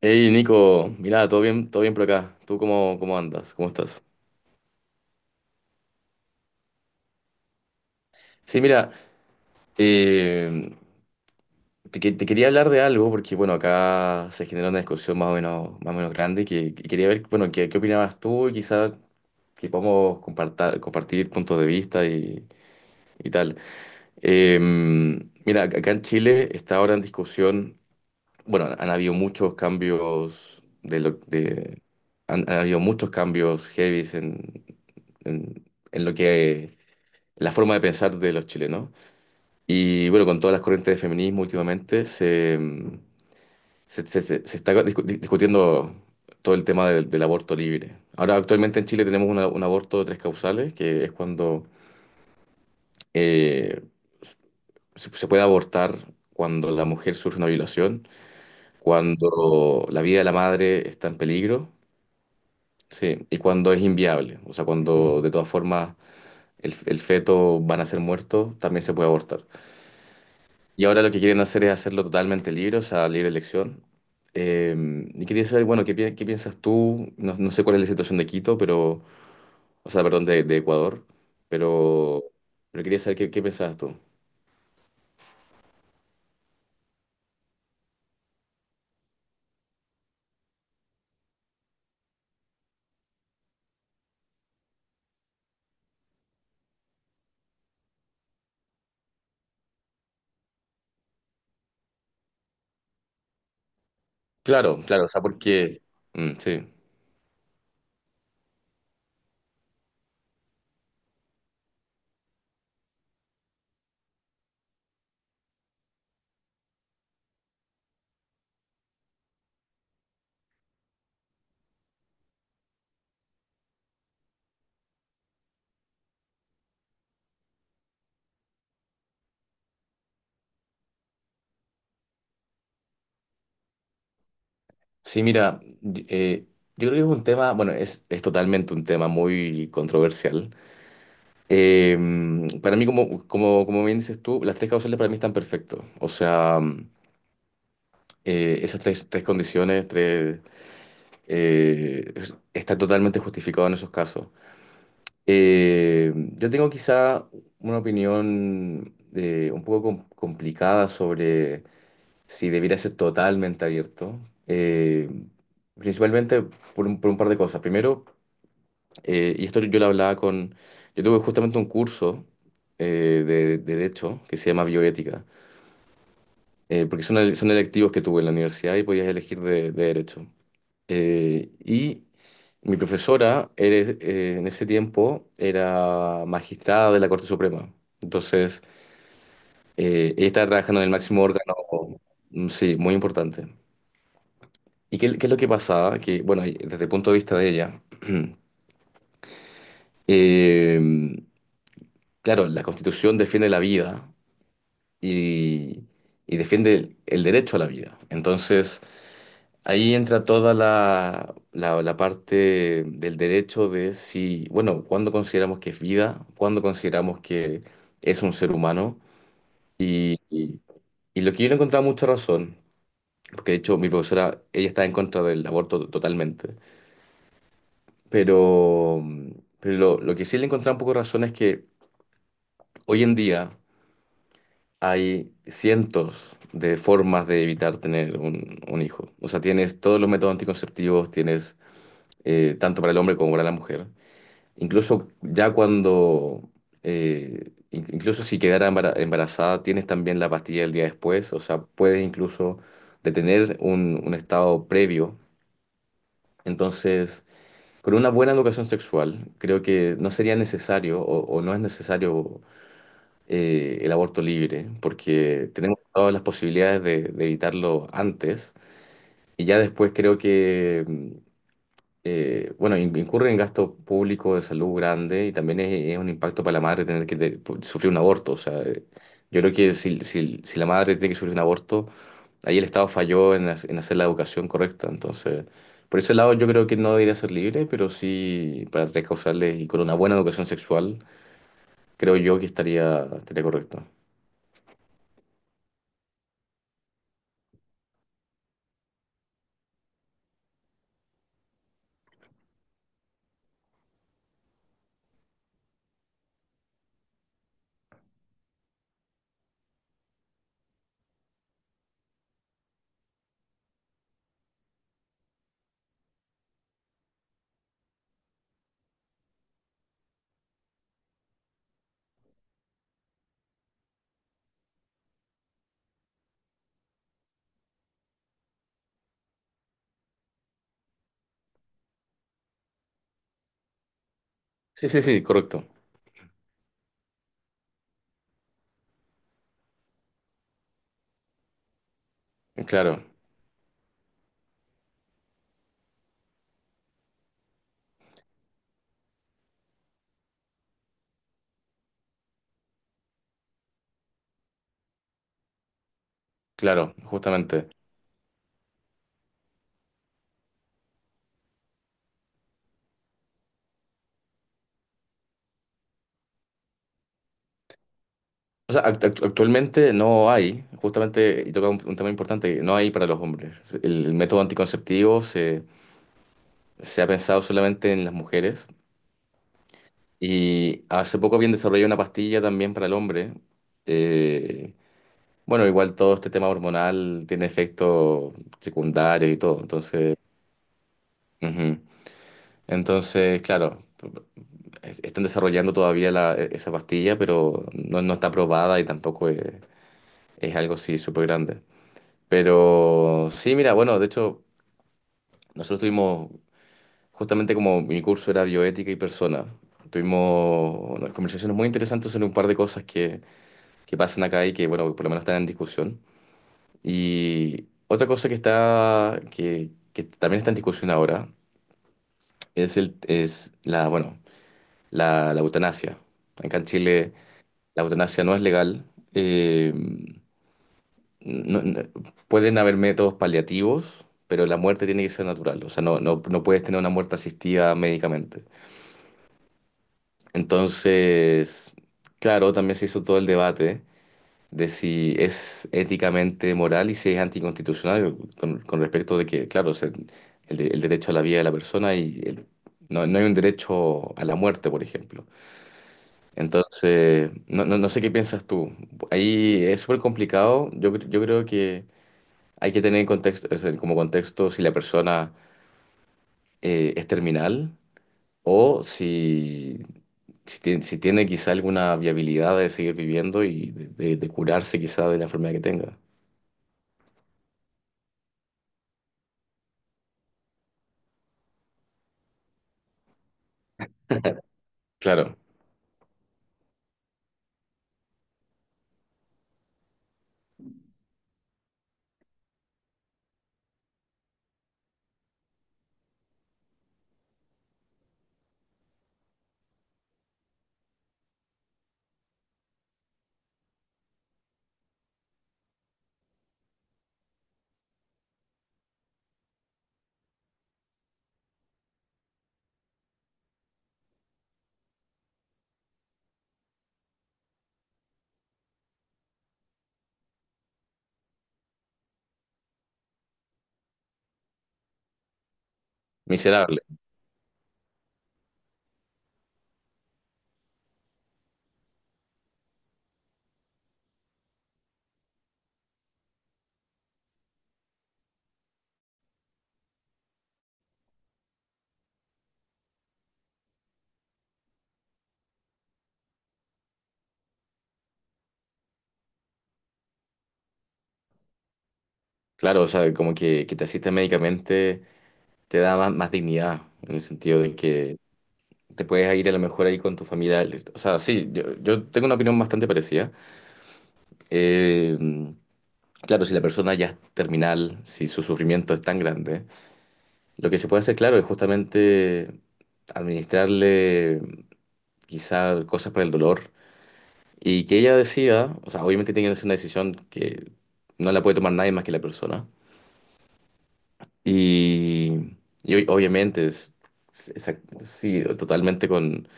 Hey Nico, mira, todo bien por acá. ¿Tú cómo andas? ¿Cómo estás? Sí, mira, eh, te quería hablar de algo porque, bueno, acá se generó una discusión más o menos grande que quería ver, bueno, qué opinabas tú y quizás que podamos compartir puntos de vista y tal. Eh, Mira, acá en Chile está ahora en discusión. Bueno, habido muchos cambios de lo de han habido muchos cambios heavies en, en lo que la forma de pensar de los chilenos. Y bueno, con todas las corrientes de feminismo últimamente se está discutiendo todo el tema del aborto libre. Ahora, actualmente en Chile tenemos un aborto de tres causales, que es cuando eh, se puede abortar cuando la mujer sufre una violación, cuando la vida de la madre está en peligro. Sí, y cuando es inviable, o sea, cuando de todas formas el feto van a ser muertos, también se puede abortar. Y ahora lo que quieren hacer es hacerlo totalmente libre, o sea, libre elección. Eh, y quería saber, bueno, ¿qué, qué piensas tú? No, no sé cuál es la situación de Quito, pero, o sea, perdón, de Ecuador, pero, pero quería saber qué piensas tú. Claro, claro, o sea, porque, mm, sí. Sí, mira, yo creo que es un tema, bueno, es totalmente un tema muy controversial. Eh, para mí, como bien dices tú, las tres causales para mí están perfectos. O sea, mm, esas tres condiciones tres, está totalmente justificado en esos casos. Eh, yo tengo quizá una opinión un poco complicada sobre si debiera ser totalmente abierto, eh, principalmente por un par de cosas. Primero, y esto yo lo hablaba con... Yo tuve justamente un curso de derecho que se llama bioética, porque son, son electivos que tuve en la universidad y podías elegir de derecho. Y mi profesora en ese tiempo era magistrada de la Corte Suprema. Entonces, ella estaba trabajando en el máximo órgano. Mm, sí, muy importante. ¿Y qué es lo que pasaba? Que, bueno, y desde el punto de vista de ella, eh, claro, la Constitución defiende la vida y, y defiende el derecho a la vida. Entonces, ahí entra toda la parte del derecho de si, bueno, cuándo consideramos que es vida, cuándo consideramos que es un ser humano. Y, y- y lo que yo le encontraba mucha razón, porque de hecho mi profesora, ella está en contra del aborto totalmente, pero, pero lo que sí le encontraba un poco de razón es que hoy en día... Hay cientos de formas de evitar tener un hijo. O sea, tienes todos los métodos anticonceptivos, tienes tanto para el hombre como para la mujer. Incluso ya cuando, incluso si quedara embarazada, tienes también la pastilla el día después. O sea, puedes incluso detener un estado previo. Entonces, con una buena educación sexual, creo que no sería necesario o no es necesario el aborto libre, porque tenemos todas las posibilidades de evitarlo antes y ya después creo que, mm, bueno, incurre en gasto público de salud grande y también es un impacto para la madre tener que sufrir un aborto. O sea, yo creo que si la madre tiene que sufrir un aborto, ahí el Estado falló en hacer la educación correcta. Entonces, por ese lado yo creo que no debería ser libre, pero sí para tres causales y con una buena educación sexual, creo yo que estaría correcto. Sí, sí, sí, correcto. Claro, claro, justamente. O sea, actualmente no hay, justamente, y toca un tema importante, no hay para los hombres. El método anticonceptivo se ha pensado solamente en las mujeres y hace poco habían desarrollado una pastilla también para el hombre. Eh, bueno, igual todo este tema hormonal tiene efectos secundarios y todo, entonces... Ujú. Entonces, claro, están desarrollando todavía esa pastilla, pero no, no está aprobada y tampoco es, es algo, sí, súper grande. Pero sí, mira, bueno, de hecho, nosotros tuvimos, justamente como mi curso era bioética y persona, tuvimos unas conversaciones muy interesantes sobre un par de cosas que pasan acá y que, bueno, por lo menos están en discusión. Y otra cosa que está, que también está en discusión ahora, es el, es la, bueno, la eutanasia. Acá en Chile la eutanasia no es legal. eh, no- no- Pueden haber métodos paliativos, pero la muerte tiene que ser natural. O sea, no, no, no puedes tener una muerte asistida médicamente. Entonces, claro, también se hizo todo el debate de si es éticamente moral y si es anticonstitucional con respecto de que, claro, el derecho a la vida de la persona no, no hay un derecho a la muerte, por ejemplo. Entonces, no, no, no sé qué piensas tú. Ahí es súper complicado. Yo creo que... Hay que tener en contexto, o sea, como contexto si la persona es terminal o si, si, tiene, si tiene quizá alguna viabilidad de seguir viviendo y de curarse quizá de la enfermedad que tenga. Claro, miserable. Claro, o sea, como que te asiste médicamente te da más dignidad en el sentido de que te puedes ir a lo mejor ahí con tu familia. O sea, sí, yo tengo una opinión bastante parecida. Eh, claro, si la persona ya es terminal, si su sufrimiento es tan grande, lo que se puede hacer, claro, es justamente administrarle quizá cosas para el dolor y que ella decida, o sea, obviamente tiene que ser una decisión que no la puede tomar nadie más que la persona. Y, y obviamente, es, sí, totalmente con,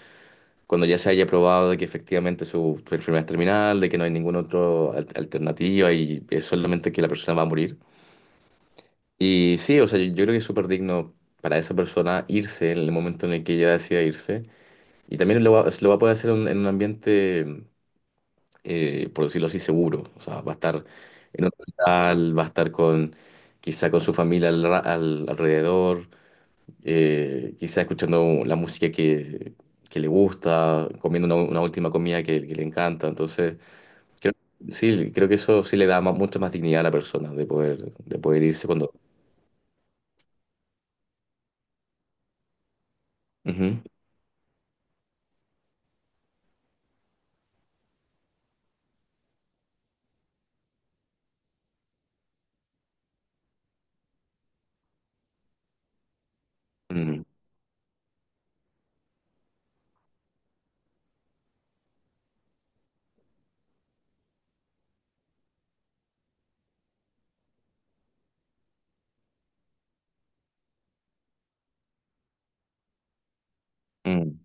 cuando ya se haya probado de que efectivamente su enfermedad es terminal, de que no hay ninguna otra alternativa y es solamente que la persona va a morir. Y sí, o sea, yo creo que es súper digno para esa persona irse en el momento en el que ella decida irse. Y también lo va a poder hacer en un ambiente, por decirlo así, seguro. O sea, va a estar en un hospital, va a estar con, quizá con su familia al alrededor, quizá escuchando la música que le gusta, comiendo una última comida que le encanta. Entonces, creo, sí, creo que eso sí le da mucho más dignidad a la persona de poder irse cuando... Ujú. Mm, mm.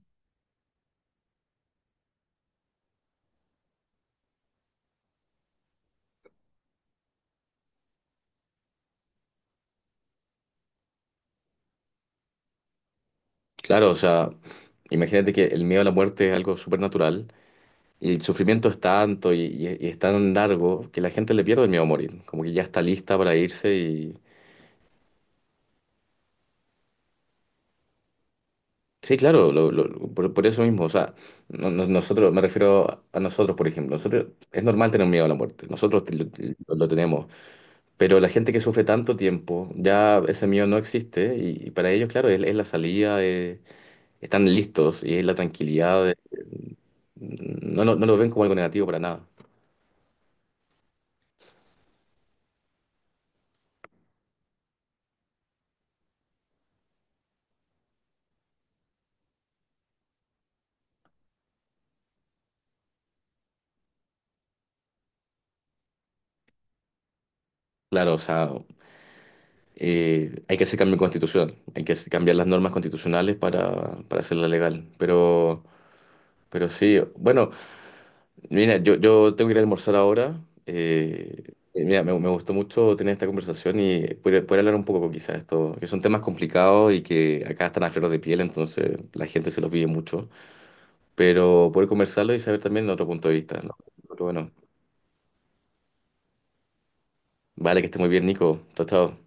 Claro, o sea, imagínate que el miedo a la muerte es algo súper natural y el sufrimiento es tanto y es tan largo que la gente le pierde el miedo a morir, como que ya está lista para irse y... Sí, claro, por eso mismo, o sea, nosotros, me refiero a nosotros, por ejemplo, nosotros es normal tener miedo a la muerte, nosotros lo tenemos, pero la gente que sufre tanto tiempo, ya ese miedo no existe y para ellos, claro, es la salida, están listos y es la tranquilidad, no, no, no lo ven como algo negativo para nada. Claro, o sea, hay que hacer cambio constitucional, hay que cambiar las normas constitucionales para hacerla legal. Pero sí, bueno, mira, yo tengo que ir a almorzar ahora. Mira, me gustó mucho tener esta conversación y poder, poder hablar un poco quizás de esto, que son temas complicados y que acá están a flor de piel, entonces la gente se los vive mucho. Pero poder conversarlo y saber también otro punto de vista, ¿no? Pero bueno, vale, que esté muy bien, Nico. Chao, chao.